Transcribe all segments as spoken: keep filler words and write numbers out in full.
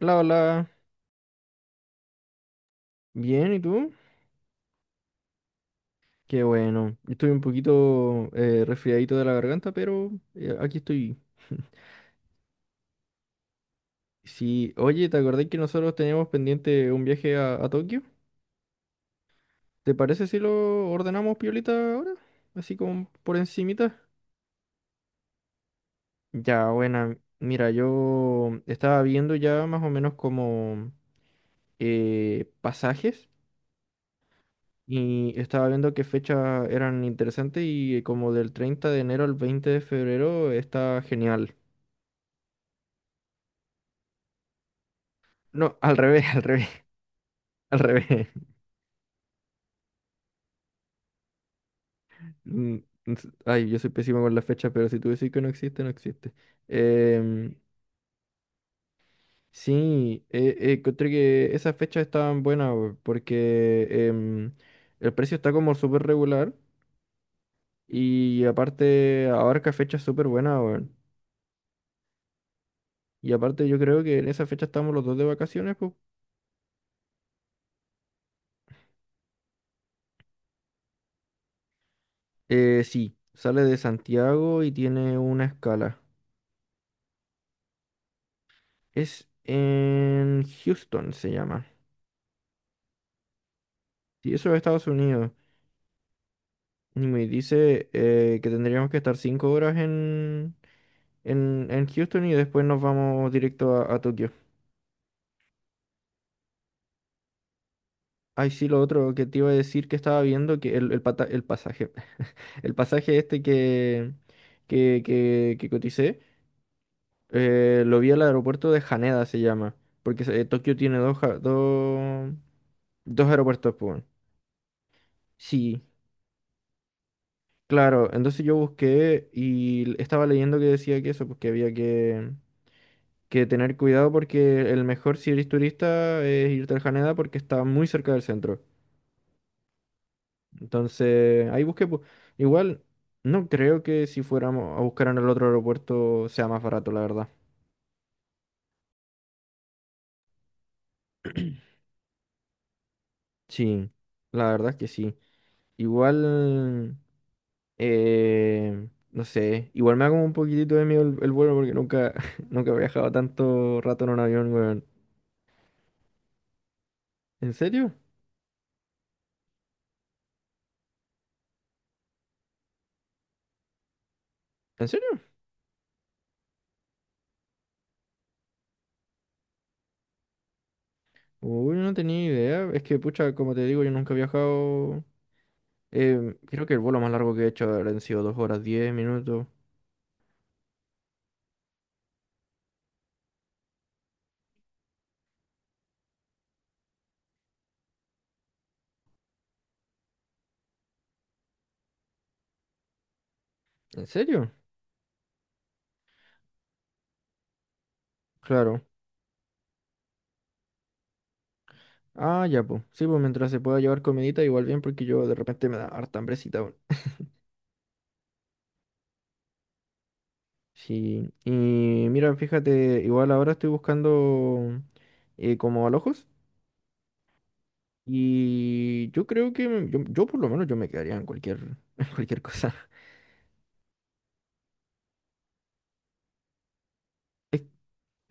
Hola, hola. Bien, ¿y tú? Qué bueno. Estoy un poquito eh, resfriadito de la garganta, pero eh, aquí estoy. Sí, oye, ¿te acordás que nosotros teníamos pendiente un viaje a, a Tokio? ¿Te parece si lo ordenamos piolita ahora? Así como por encimita. Ya, buena. Mira, yo estaba viendo ya más o menos como eh, pasajes y estaba viendo qué fechas eran interesantes y como del treinta de enero al veinte de febrero está genial. No, al revés, al revés, al revés. Mm, s- ay, yo soy pésimo con las fechas, pero si tú decís que no existe, no existe. Em, sí, eh, eh, encontré que esas fechas estaban buenas, weón, porque em, el precio está como súper regular y aparte abarca fechas súper buenas, weón. Y aparte yo creo que en esa fecha estamos los dos de vacaciones, pues. Eh, sí, sale de Santiago y tiene una escala. Es en Houston, se llama. Sí, eso es Estados Unidos. Y me dice eh, que tendríamos que estar cinco horas en, en, en Houston y después nos vamos directo a, a Tokio. Ay, sí, lo otro que te iba a decir que estaba viendo, que el, el, pata- el pasaje, el pasaje este que, que, que, que coticé, eh, lo vi al aeropuerto de Haneda, se llama, porque eh, Tokio tiene dos, ja- dos, dos aeropuertos, pues. Bueno. Sí, claro, entonces yo busqué y l- estaba leyendo que decía que eso, pues que había que... que tener cuidado porque el mejor si eres turista es irte al Haneda porque está muy cerca del centro. Entonces, ahí busqué. pu- Igual, no creo que si fuéramos a buscar en el otro aeropuerto sea más barato, la verdad. Sí, la verdad es que sí. Igual, eh, no sé, igual me da como un poquitito de miedo el, el vuelo porque nunca, nunca he viajado tanto rato en un avión, weón. ¿En serio? ¿En serio? Uy, no tenía idea. Es que, pucha, como te digo, yo nunca he viajado. Eh, creo que el vuelo más largo que he hecho han sido dos horas diez minutos. ¿En serio? Claro. Ah, ya, pues. Sí, pues mientras se pueda llevar comidita, igual bien, porque yo de repente me da harta hambrecita, weón. Sí. Y mira, fíjate, igual ahora estoy buscando eh, como alojos. Y yo creo que me- yo, yo por lo menos yo me quedaría en cualquier, en cualquier cosa.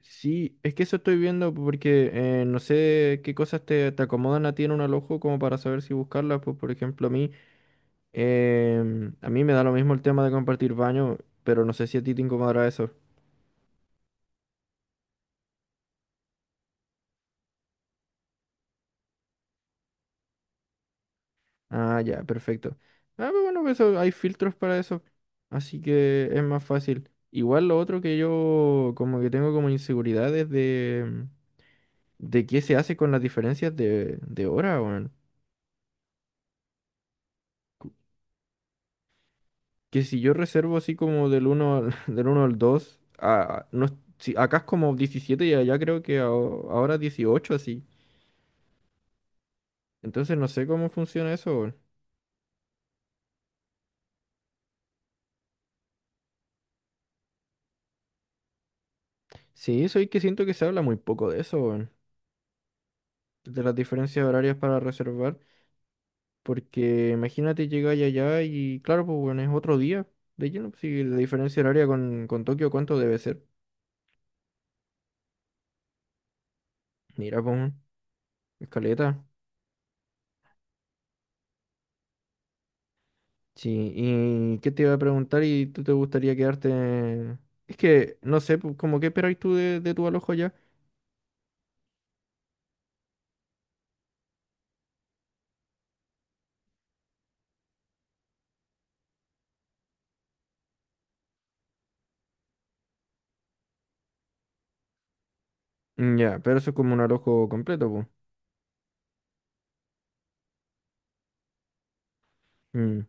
Sí, es que eso estoy viendo porque eh, no sé qué cosas te, te acomodan a ti en un alojo como para saber si buscarlas. Pues, por ejemplo, a mí. Em, a mí me da lo mismo el tema de compartir baño, pero no sé si a ti te incomodará eso. Ah, ya, perfecto. Ah, pero bueno, pues eso, hay filtros para eso, así que es más fácil. Igual lo otro que yo como que tengo como inseguridades de, de qué se hace con las diferencias de, de hora, weón. Que si yo reservo así como del uno al, del uno al dos, a- no, es- si, acá es como diecisiete y allá creo que a- ahora dieciocho así. Entonces no sé cómo funciona eso, weón. Sí, soy que siento que se habla muy poco de eso, weón. De las diferencias horarias para reservar. Porque imagínate llegar allá y claro, pues bueno, es otro día. De lleno, pues, si la diferencia horaria con, con Tokio, ¿cuánto debe ser? Mira, pues, weón, escaleta. Sí, ¿y qué te iba a preguntar? ¿Y tú te gustaría quedarte? Es que, no sé, pues, como qué esperáis tú de, de tu alojo allá. Mm. Ya, pero eso es como un alojo completo, pues. Mm.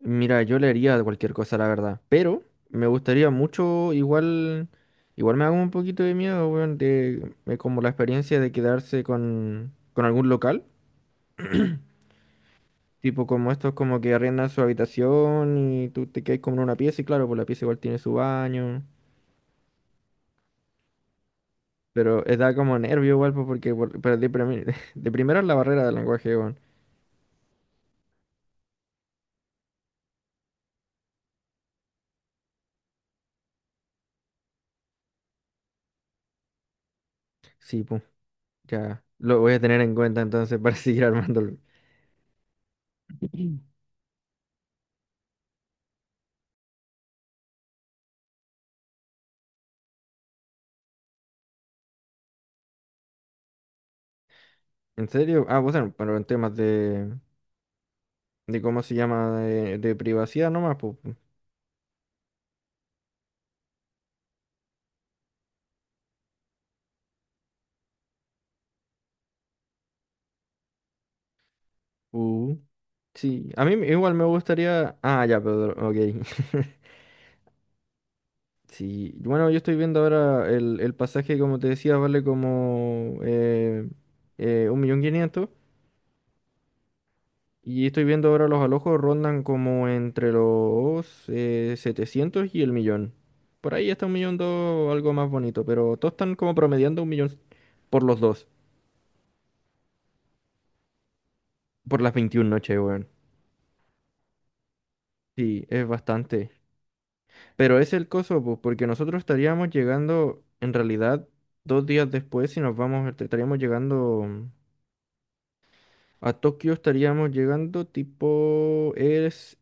Mira, yo leería cualquier cosa, la verdad. Pero me gustaría mucho, igual, igual me hago un poquito de miedo, weón, de, de como la experiencia de quedarse con, con algún local. Tipo como estos como que arriendan su habitación y tú te quedas como en una pieza y claro, pues la pieza igual tiene su baño. Pero eh, da como nervio igual, pues porque por- pero de, primi- de primero es la barrera del lenguaje, weón. Sí, pues, ya. Lo voy a tener en cuenta entonces para seguir armándolo. ¿En serio? Ah, pues bueno, pero en temas de, de cómo se llama, de, de privacidad nomás, pues. Uh, sí, a mí igual me gustaría... Ah, ya, pero ok. Sí, bueno, yo estoy viendo ahora el, el pasaje, como te decía, vale como eh, eh, un millón quinientos y estoy viendo ahora los alojos rondan como entre los eh, setecientos y el millón. Por ahí está un millón dos, algo más bonito, pero todos están como promediando un millón por los dos, por las veintiuna noches, weón. Sí, es bastante. Pero es el coso, pues, porque nosotros estaríamos llegando, en realidad, dos días después, si nos vamos, est- estaríamos llegando mm, a Tokio, estaríamos llegando tipo, es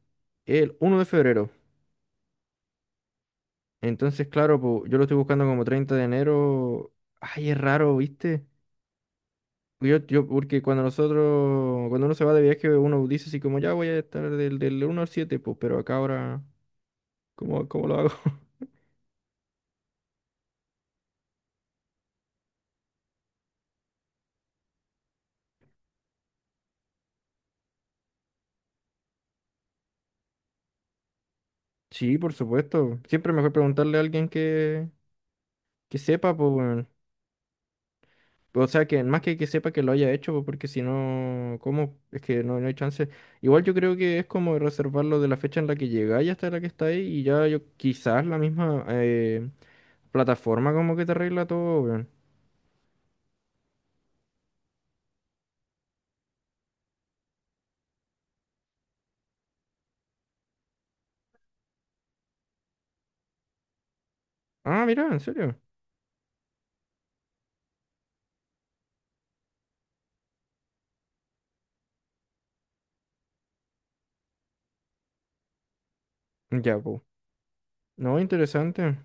el uno de febrero. Entonces, claro, pues, yo lo estoy buscando como treinta de enero. Ay, es raro, ¿viste? Yo, yo, porque cuando nosotros, cuando uno se va de viaje, uno dice así como, ya voy a estar del, del uno al siete, pues, pero acá ahora, ¿cómo, cómo lo hago? Sí, por supuesto. Siempre es mejor preguntarle a alguien que, que sepa, pues. O sea, que más que que sepa que lo haya hecho, pues, porque si no, ¿cómo? Es que no, no hay chance. Igual yo creo que es como reservarlo de la fecha en la que llegáis hasta la que estáis y ya yo, quizás la misma eh, plataforma como que te arregla todo, weón. Ah, mira, en serio. Ya, pues. No, interesante.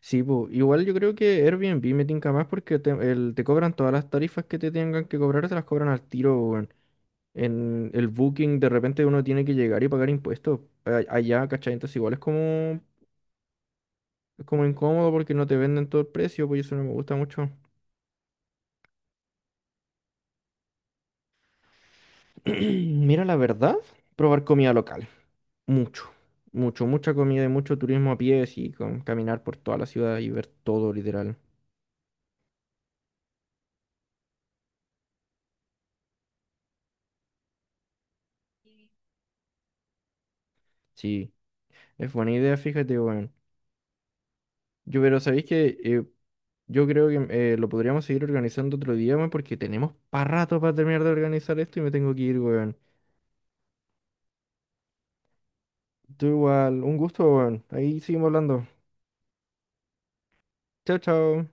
Sí, pues. Igual yo creo que Airbnb me tinca más porque te, el- te cobran todas las tarifas que te tengan que cobrar, te las cobran al tiro, weón. En el booking de repente uno tiene que llegar y pagar impuestos a- allá, ¿cachai? Entonces igual es como. Es como incómodo porque no te venden todo el precio, pues eso no me gusta mucho. Mira, la verdad, probar comida local. Mucho, mucho, mucha comida y mucho turismo a pie, y con caminar por toda la ciudad y ver todo, literal. Sí, es buena idea, fíjate, bueno. Yo, pero sabéis que yo creo que eh, lo podríamos seguir organizando otro día, weón, porque tenemos para rato para terminar de organizar esto y me tengo que ir, weón. Tú igual, un gusto, weón. Ahí seguimos hablando. Chao, chao.